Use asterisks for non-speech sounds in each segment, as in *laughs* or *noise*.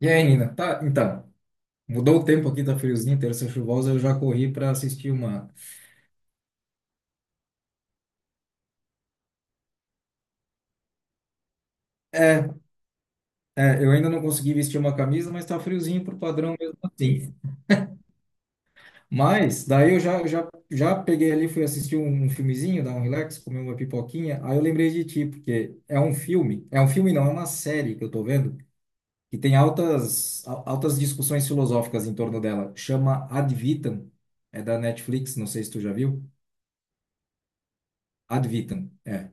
E aí, Nina? Mudou o tempo aqui, tá friozinho, terça chuvosa, eu já corri para assistir uma. É, eu ainda não consegui vestir uma camisa, mas tá friozinho pro padrão mesmo assim. Mas daí eu já peguei ali, fui assistir um filmezinho, dar um relax, comer uma pipoquinha. Aí eu lembrei de ti, porque é um filme não, é uma série que eu tô vendo, que tem altas discussões filosóficas em torno dela. Chama Ad Vitam, é da Netflix, não sei se tu já viu. Ad Vitam. É.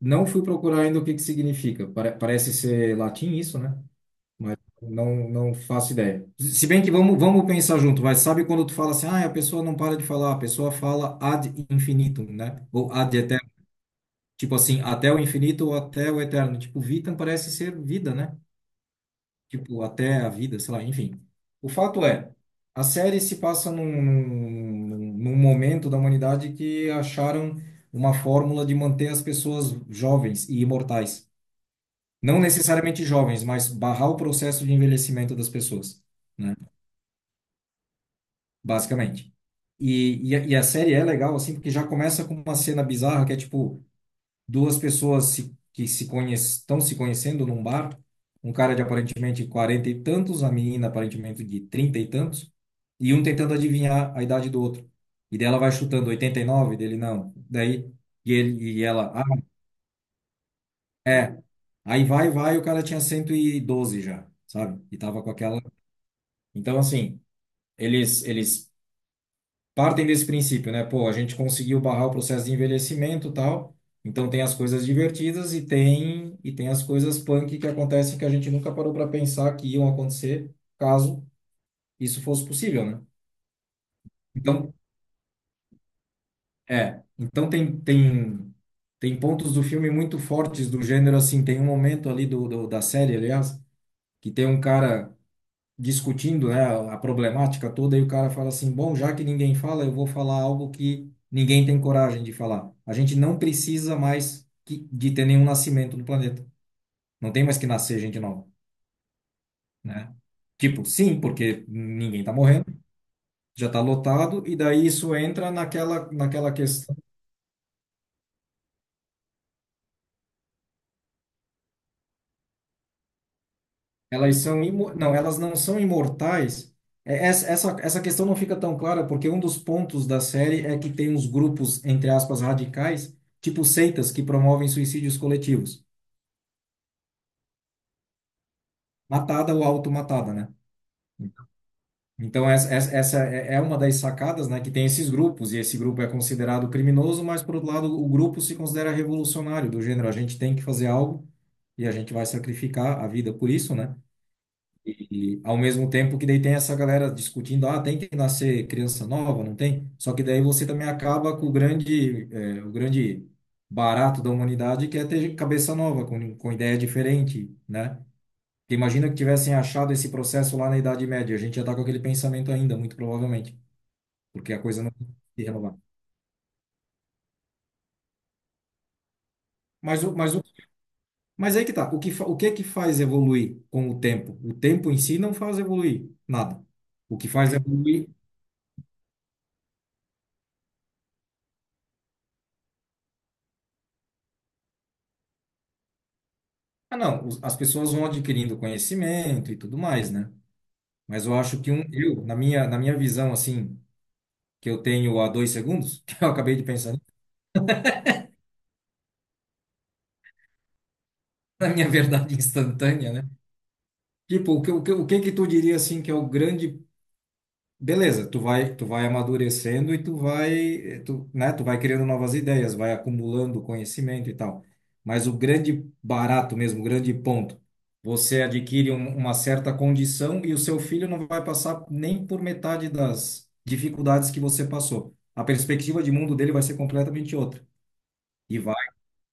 Não fui procurar ainda o que que significa. Parece ser latim isso, né? Mas não faço ideia. Se bem que vamos pensar junto, mas sabe quando tu fala assim, ah, a pessoa não para de falar, a pessoa fala ad infinitum, né? Ou ad eterno. Tipo assim, até o infinito ou até o eterno. Tipo, vitam parece ser vida, né? Tipo, até a vida, sei lá, enfim. O fato é, a série se passa num momento da humanidade que acharam uma fórmula de manter as pessoas jovens e imortais. Não necessariamente jovens, mas barrar o processo de envelhecimento das pessoas, né? Basicamente. E a série é legal, assim, porque já começa com uma cena bizarra que é tipo. Duas pessoas se, que se conhec estão se conhecendo num bar, um cara de aparentemente 40 e tantos, a menina aparentemente de 30 e tantos, e um tentando adivinhar a idade do outro. E dela vai chutando 89, dele não. Daí, e ele e ela, ah, aí vai, o cara tinha 112 já, sabe? E tava com aquela. Então, assim, eles partem desse princípio, né? Pô, a gente conseguiu barrar o processo de envelhecimento, e tal. Então tem as coisas divertidas e tem as coisas punk que acontecem que a gente nunca parou para pensar que iam acontecer caso isso fosse possível, né? Então, é, então tem tem pontos do filme muito fortes do gênero assim, tem um momento ali do, do da série, aliás, que tem um cara discutindo, né, a problemática toda, e o cara fala assim: bom, já que ninguém fala, eu vou falar algo que ninguém tem coragem de falar. A gente não precisa de ter nenhum nascimento no planeta. Não tem mais que nascer gente nova, né? Tipo, sim, porque ninguém tá morrendo, já tá lotado, e daí isso entra naquela questão. Elas são imo... não, elas não são imortais. É. Essa questão não fica tão clara porque um dos pontos da série é que tem uns grupos, entre aspas, radicais, tipo seitas que promovem suicídios coletivos, matada ou automatada, né? Então essa é é uma das sacadas, né, que tem esses grupos e esse grupo é considerado criminoso, mas por outro lado o grupo se considera revolucionário do gênero, a gente tem que fazer algo e a gente vai sacrificar a vida por isso, né? E ao mesmo tempo que daí tem essa galera discutindo, ah, tem que nascer criança nova, não tem? Só que daí você também acaba com o grande, o grande barato da humanidade, que é ter cabeça nova, com ideia diferente, né? Porque imagina que tivessem achado esse processo lá na Idade Média, a gente ia estar com aquele pensamento ainda, muito provavelmente, porque a coisa não se renovar. Mas o, mas o, mas aí que tá, o que é que faz evoluir com o tempo? O tempo em si não faz evoluir nada. O que faz evoluir ah, não, os- as pessoas vão adquirindo conhecimento e tudo mais, né? Mas eu acho que um, eu, na minha visão, assim, que eu tenho há dois segundos, *laughs* que eu acabei de pensar, na minha verdade instantânea, né? Tipo, o que que tu diria, assim, que é o grande beleza, tu vai amadurecendo e né, tu vai criando novas ideias, vai acumulando conhecimento e tal. Mas o grande barato mesmo, o grande ponto, você adquire uma certa condição e o seu filho não vai passar nem por metade das dificuldades que você passou. A perspectiva de mundo dele vai ser completamente outra. E vai,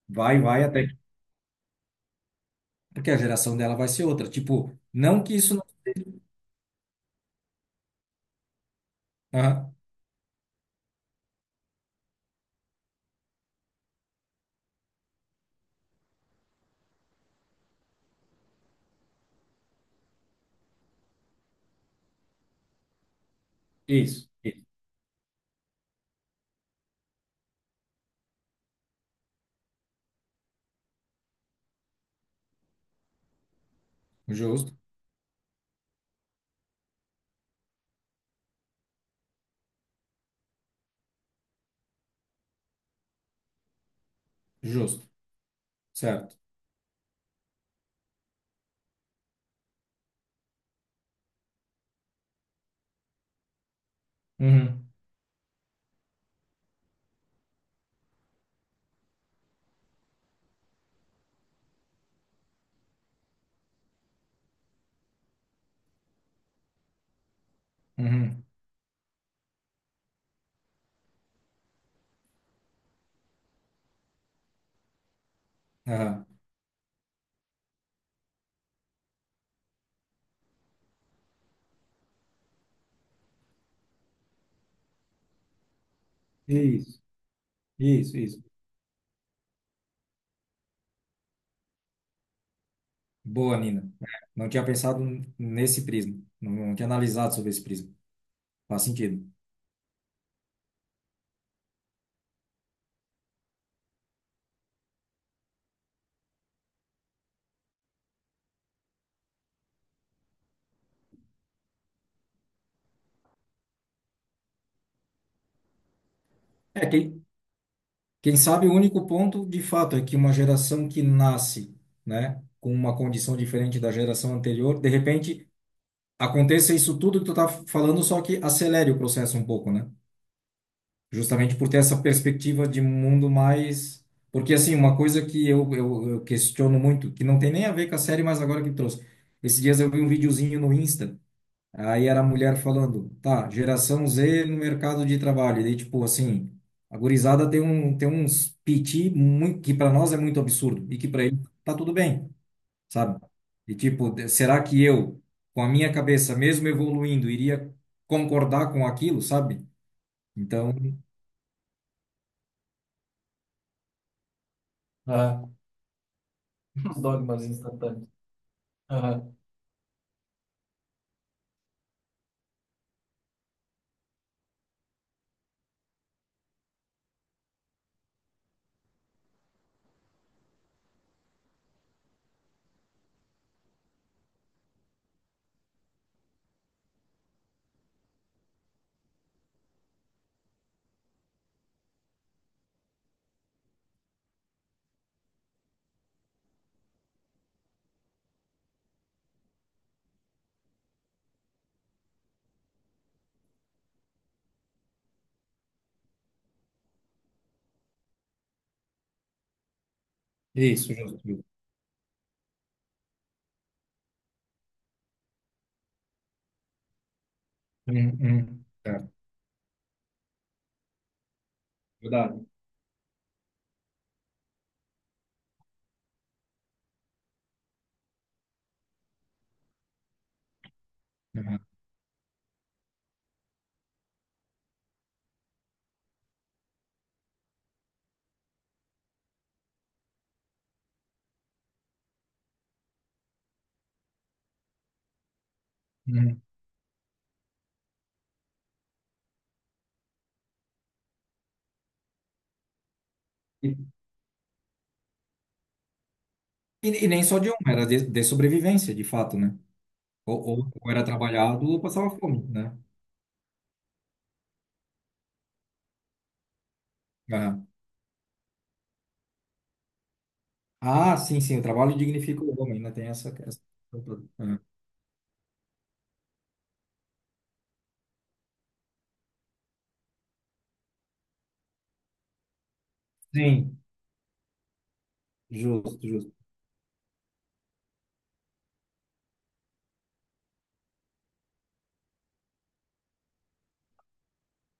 vai, vai até que- porque a geração dela vai ser outra. Tipo, não que isso não... Aham, isso, isso. Justo, justo, certo. Uhum, uhum, aham. Isso, isso, isso. Boa, Nina. É, não tinha pensado nesse prisma. Não, não tinha analisado sobre esse prisma. Faz sentido. É, quem sabe o único ponto, de fato, é que uma geração que nasce, né, com uma condição diferente da geração anterior, de repente aconteça isso tudo que tu tá falando, só que acelere o processo um pouco, né? Justamente por ter essa perspectiva de mundo mais. Porque, assim, uma coisa que eu questiono muito, que não tem nem a ver com a série, mas agora que trouxe. Esses dias eu vi um videozinho no Insta. Aí era a mulher falando, tá, geração Z no mercado de trabalho. E daí, tipo, assim, a gurizada tem, tem uns piti muito, que para nós é muito absurdo e que para ele tá tudo bem, sabe? E, tipo, será que eu, com a minha cabeça, mesmo evoluindo, iria concordar com aquilo, sabe? Então, ah, os dogmas instantâneos. Aham. Isso, justo. Justo. Uhum. Uhum. Certo. Verdade. Aham. Uhum. E, e nem só de uma, era de sobrevivência, de fato, né? Ou era trabalhado ou passava fome, né? Aham. Ah, sim, sim, o trabalho dignifica o homem, né? Tem essa... Aham. Sim, justo, justo.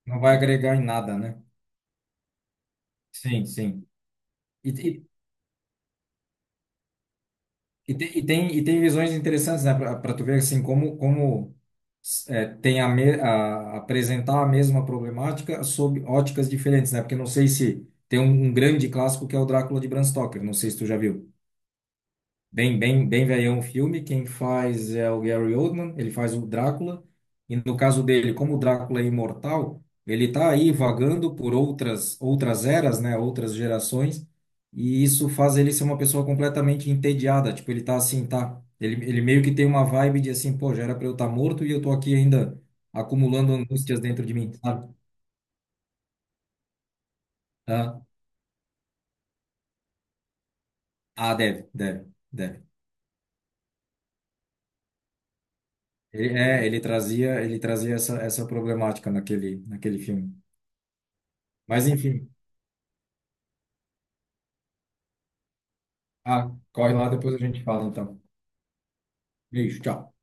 Não vai agregar em nada, né? Sim, sim. E, e, e tem visões interessantes, né? Para tu ver, assim, como é, tem a apresentar a mesma problemática sob óticas diferentes, né? Porque não sei se tem um grande clássico que é o Drácula de Bram Stoker, não sei se tu já viu. Bem velhão o filme. Quem faz é o Gary Oldman, ele faz o Drácula. E no caso dele, como o Drácula é imortal, ele está aí vagando por outras eras, né, outras gerações, e isso faz ele ser uma pessoa completamente entediada, tipo, ele tá assim, tá, ele meio que tem uma vibe de assim, pô, já era para eu estar morto e eu tô aqui ainda acumulando angústias dentro de mim, sabe? Ah, deve, deve. Ele trazia essa, essa problemática naquele filme. Mas enfim, ah, corre lá, depois a gente fala então. Beijo, tchau.